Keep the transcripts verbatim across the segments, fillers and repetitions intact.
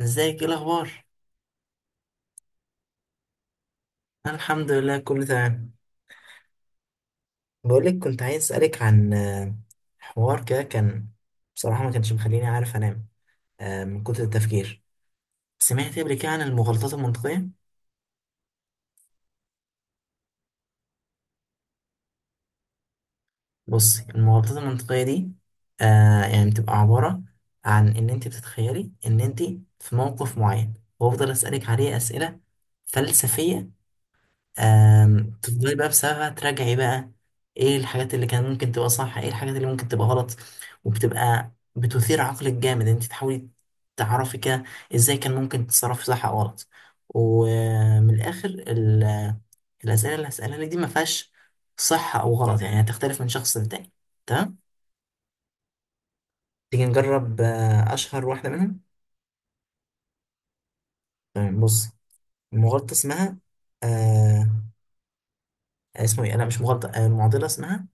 ازيك ايه الاخبار؟ انا الحمد لله كله تمام. بقولك كنت عايز اسالك عن آه، حوار كده كان. بصراحه ما كانش مخليني عارف انام آه، من كتر التفكير. سمعت قبل كده عن المغالطات المنطقيه. بصي المغالطات المنطقيه دي آه يعني بتبقى عباره عن ان انت بتتخيلي ان انت في موقف معين، وافضل اسالك عليه اسئله فلسفيه. آم، تفضلي بقى بسببها تراجعي بقى. ايه الحاجات اللي كان ممكن تبقى صح، ايه الحاجات اللي ممكن تبقى غلط، وبتبقى بتثير عقلك جامد انت تحاولي تعرفي كده ازاي كان ممكن تتصرفي صح او غلط. ومن الاخر ال- الاسئله اللي هسألها لك دي ما فيهاش صح او غلط، يعني هتختلف من شخص للتاني. تمام. تيجي نجرب آه، اشهر واحده منهم. تمام، بص. المغالطه اسمها آه اسمه ايه، لا مش مغالطه، آه معضله، اسمها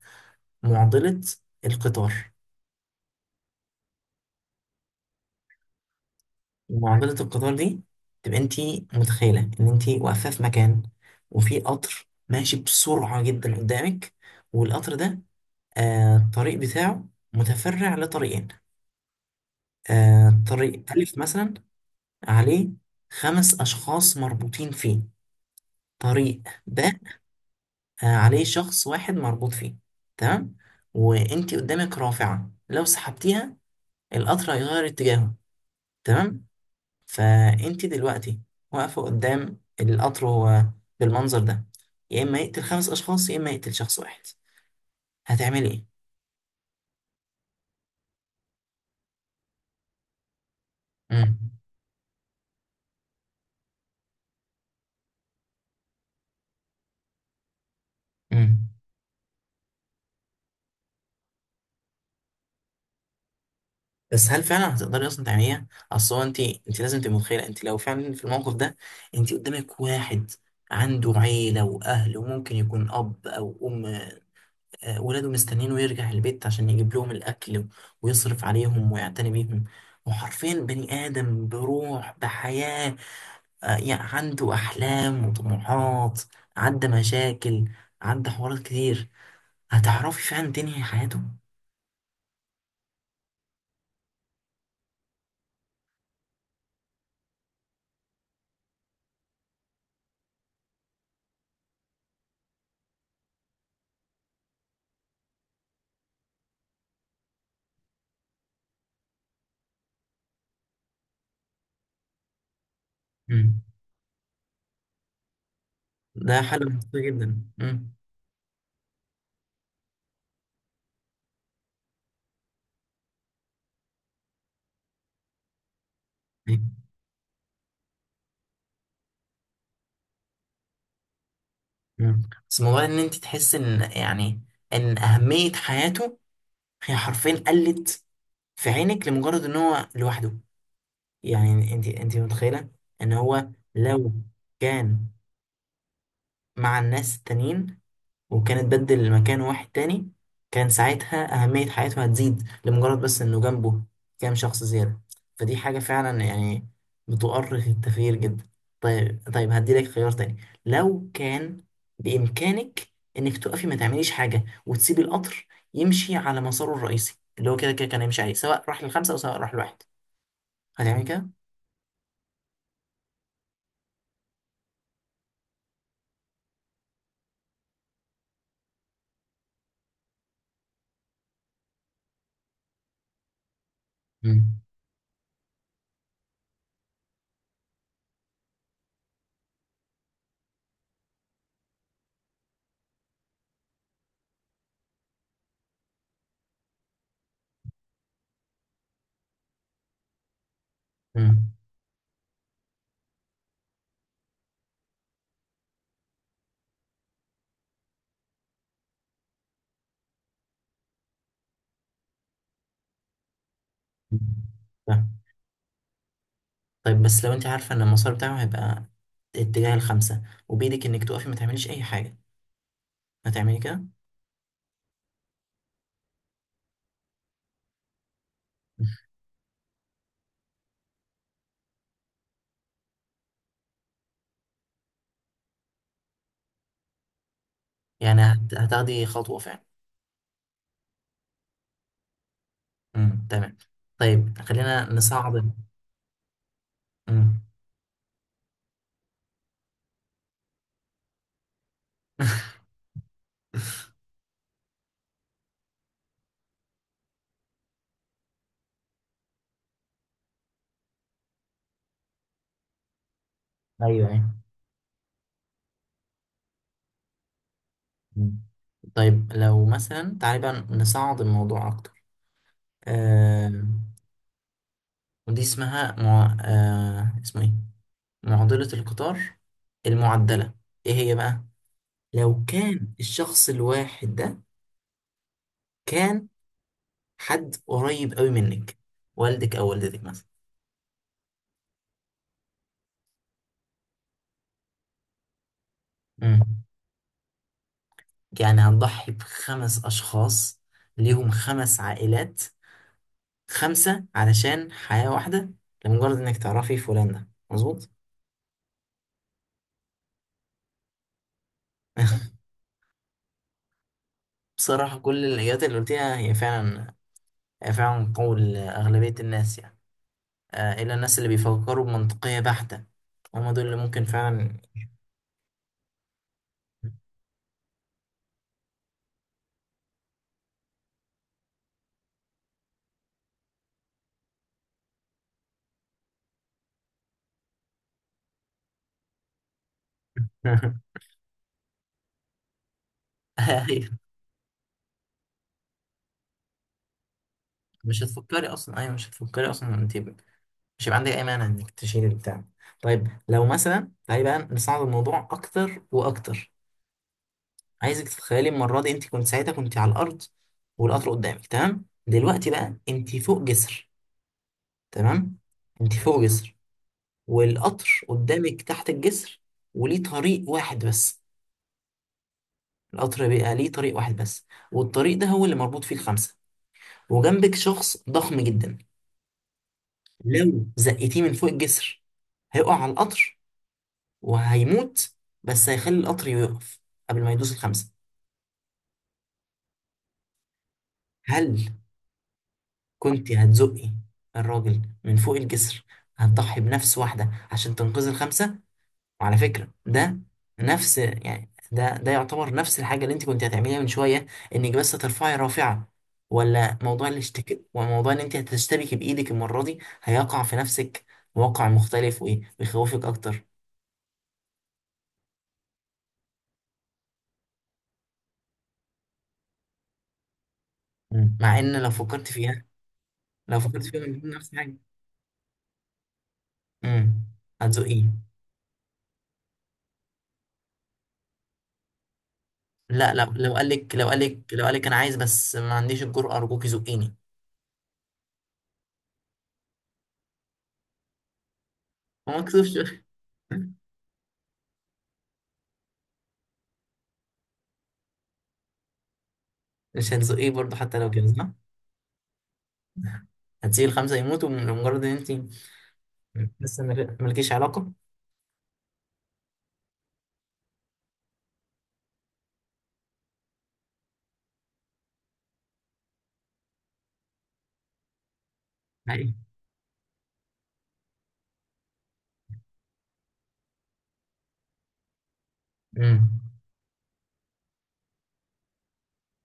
معضله القطار. معضلة القطار دي، تبقى انت متخيلة ان انت واقفة في مكان، وفي قطر ماشي بسرعة جدا قدامك. والقطر ده آه الطريق بتاعه متفرع لطريقين. آه طريق ألف مثلا عليه خمس أشخاص مربوطين فيه. طريق ب آه عليه شخص واحد مربوط فيه. تمام. وانت قدامك رافعة، لو سحبتيها القطر هيغير اتجاهه. تمام. فانت دلوقتي واقفه قدام القطر، هو بالمنظر ده يا اما يقتل خمس اشخاص يا اما يقتل شخص واحد. هتعملي ايه؟ امم. امم. بس هل فعلا هتقدري اصلا تعمليها؟ اصل هو انت انت لازم تبقي متخيله، انت لو فعلا في الموقف ده، انت قدامك واحد عنده عيله واهل وممكن يكون اب او ام، آه، ولاده مستنينه يرجع البيت عشان يجيب لهم الاكل ويصرف عليهم ويعتني بيهم، وحرفيا بني ادم بروح بحياه، آه، يعني عنده أحلام وطموحات، عدى مشاكل، عدى حوارات كتير. هتعرفي فعلا تنهي حياته؟ مم. ده حاجة منطقية جدا مم. مم. بس موضوع إن أنت تحس إن يعني إن أهمية حياته هي حرفيا قلت في عينك لمجرد إن هو لوحده. يعني أنت أنت متخيلة إن هو لو كان مع الناس التانيين، وكانت بدل مكان واحد تاني، كان ساعتها أهمية حياته هتزيد لمجرد بس إنه جنبه كام شخص زيادة. فدي حاجة فعلا يعني بتؤرخ التغيير جدا. طيب طيب هديلك خيار تاني. لو كان بإمكانك إنك تقفي ما تعمليش حاجة، وتسيبي القطر يمشي على مساره الرئيسي اللي هو كده كده كان هيمشي عليه، سواء راح للخمسة أو سواء راح لواحد. هتعملي كده؟ مم. مم. مم. طيب بس لو انت عارفة ان المسار بتاعه هيبقى اتجاه الخمسة، وبإيدك انك توقفي ما تعمليش أي حاجة، هتعملي كده؟ يعني هت- هتاخدي خطوة فعلا؟ امم، تمام. طيب خلينا نصعب. امم. ايوه ايوه. مم. طيب لو مثلا تعالي بقى نصعد الموضوع اكتر. آه ودي اسمها مع... آه اسمه ايه، معضلة القطار المعدلة. ايه هي بقى؟ لو كان الشخص الواحد ده كان حد قريب قوي منك، والدك او والدتك مثلا. مم. يعني هتضحي بخمس اشخاص ليهم خمس عائلات، خمسة علشان حياة واحدة، لمجرد انك تعرفي فلان ده مظبوط؟ بصراحة كل الإجابات اللي قلتيها هي فعلا هي فعلا قول أغلبية الناس، يعني آه، إلا الناس اللي بيفكروا بمنطقية بحتة، هما دول اللي ممكن فعلا. أيوة مش هتفكري أصلا أيوة مش هتفكري أصلا أنت، مش هيبقى عندك اي مانع انك تشيل البتاع. طيب لو مثلا تعالي بقى نصعد الموضوع اكتر واكتر. عايزك تتخيلي المره دي، انت كنت ساعتها كنت على الارض، والقطر قدامك. تمام. دلوقتي بقى انت فوق جسر. تمام. انت فوق جسر، والقطر قدامك تحت الجسر، وليه طريق واحد بس. القطر بقى ليه طريق واحد بس، والطريق ده هو اللي مربوط فيه الخمسه، وجنبك شخص ضخم جدا. لو زقتيه من فوق الجسر هيقع على القطر وهيموت، بس هيخلي القطر يقف قبل ما يدوس الخمسة. هل كنت هتزقي الراجل من فوق الجسر، هتضحي بنفس واحدة عشان تنقذ الخمسة؟ وعلى فكرة ده نفس يعني ده ده يعتبر نفس الحاجة اللي انت كنت هتعمليها من شوية، انك بس ترفعي رافعة، ولا موضوع الاشتكاء وموضوع ان انت هتشتبكي بايدك المرة دي هيقع في نفسك واقع مختلف وايه ويخوفك اكتر؟ مم. مع ان لو فكرت فيها لو فكرت فيها من نفس الحاجة. امم. هتزقيه؟ لا لا، لو قال لك لو قال لك لو قال لك انا عايز بس ما عنديش الجرأة، ارجوكي زقيني. ما مكسوفش مش هتزقيه برضه حتى لو كده صح؟ هتسيب الخمسة يموتوا لمجرد ان انت لسه مالكيش علاقة؟ لا، ايه.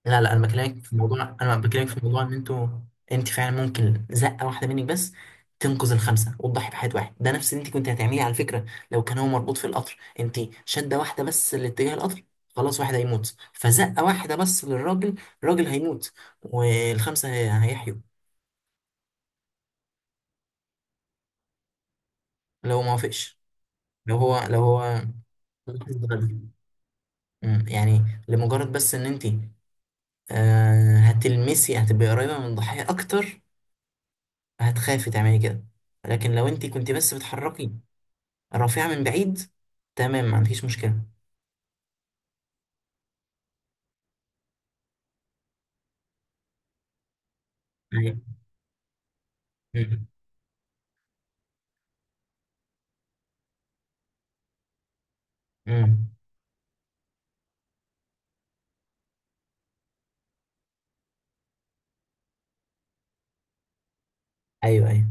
لا لا، انا بكلمك في موضوع انا بكلمك في موضوع ان انتوا، انت فعلا ممكن زقه واحده منك بس تنقذ الخمسه وتضحي بحياه واحد، ده نفس اللي انت كنت هتعمليه على فكره لو كان هو مربوط في القطر، انت شده واحده بس لاتجاه القطر، خلاص واحد هيموت، فزقه واحده بس للراجل، الراجل هيموت والخمسه هي- هيحيوا. لو ما وافقش، لو هو لو هو أمم، يعني لمجرد بس ان انت آه، هتلمسي هتبقي قريبه من الضحيه اكتر، هتخافي تعملي كده، لكن لو انت كنت بس بتحركي الرافعة من بعيد، تمام، ما عندكيش مشكلة. ايوه أمم، أمم. ايوه ايوه،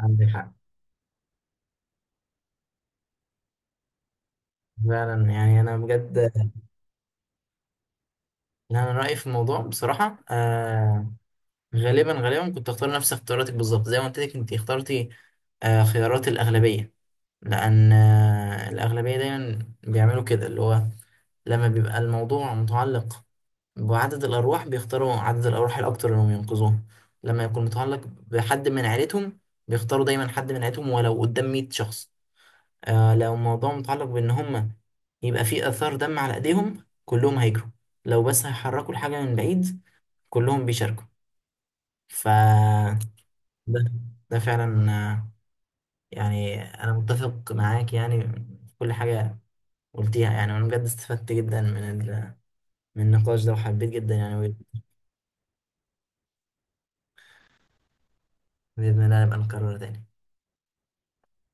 عندك حق. فعلا يعني انا بجد. لا، انا رأيي في الموضوع بصراحة آه غالبا غالبا كنت اختار نفس اختياراتك بالظبط، زي ما قلت لك انت اخترتي آه خيارات الأغلبية. لأن آه الأغلبية دايما بيعملوا كده، اللي هو لما بيبقى الموضوع متعلق وعدد الأرواح بيختاروا عدد الأرواح الأكتر إنهم ينقذوهم. لما يكون متعلق بحد من عيلتهم بيختاروا دايما حد من عيلتهم، ولو قدام مية شخص. آه لو الموضوع متعلق بإن هم يبقى فيه آثار دم على إيديهم كلهم هيجروا، لو بس هيحركوا الحاجة من بعيد كلهم بيشاركوا. ف ده ده فعلا آه، يعني أنا متفق معاك يعني في كل حاجة قلتيها، يعني وأنا بجد استفدت جدا من ال- من النقاش ده، وحبيت جدا يعني. بإذن الله نبقى نكرره تاني.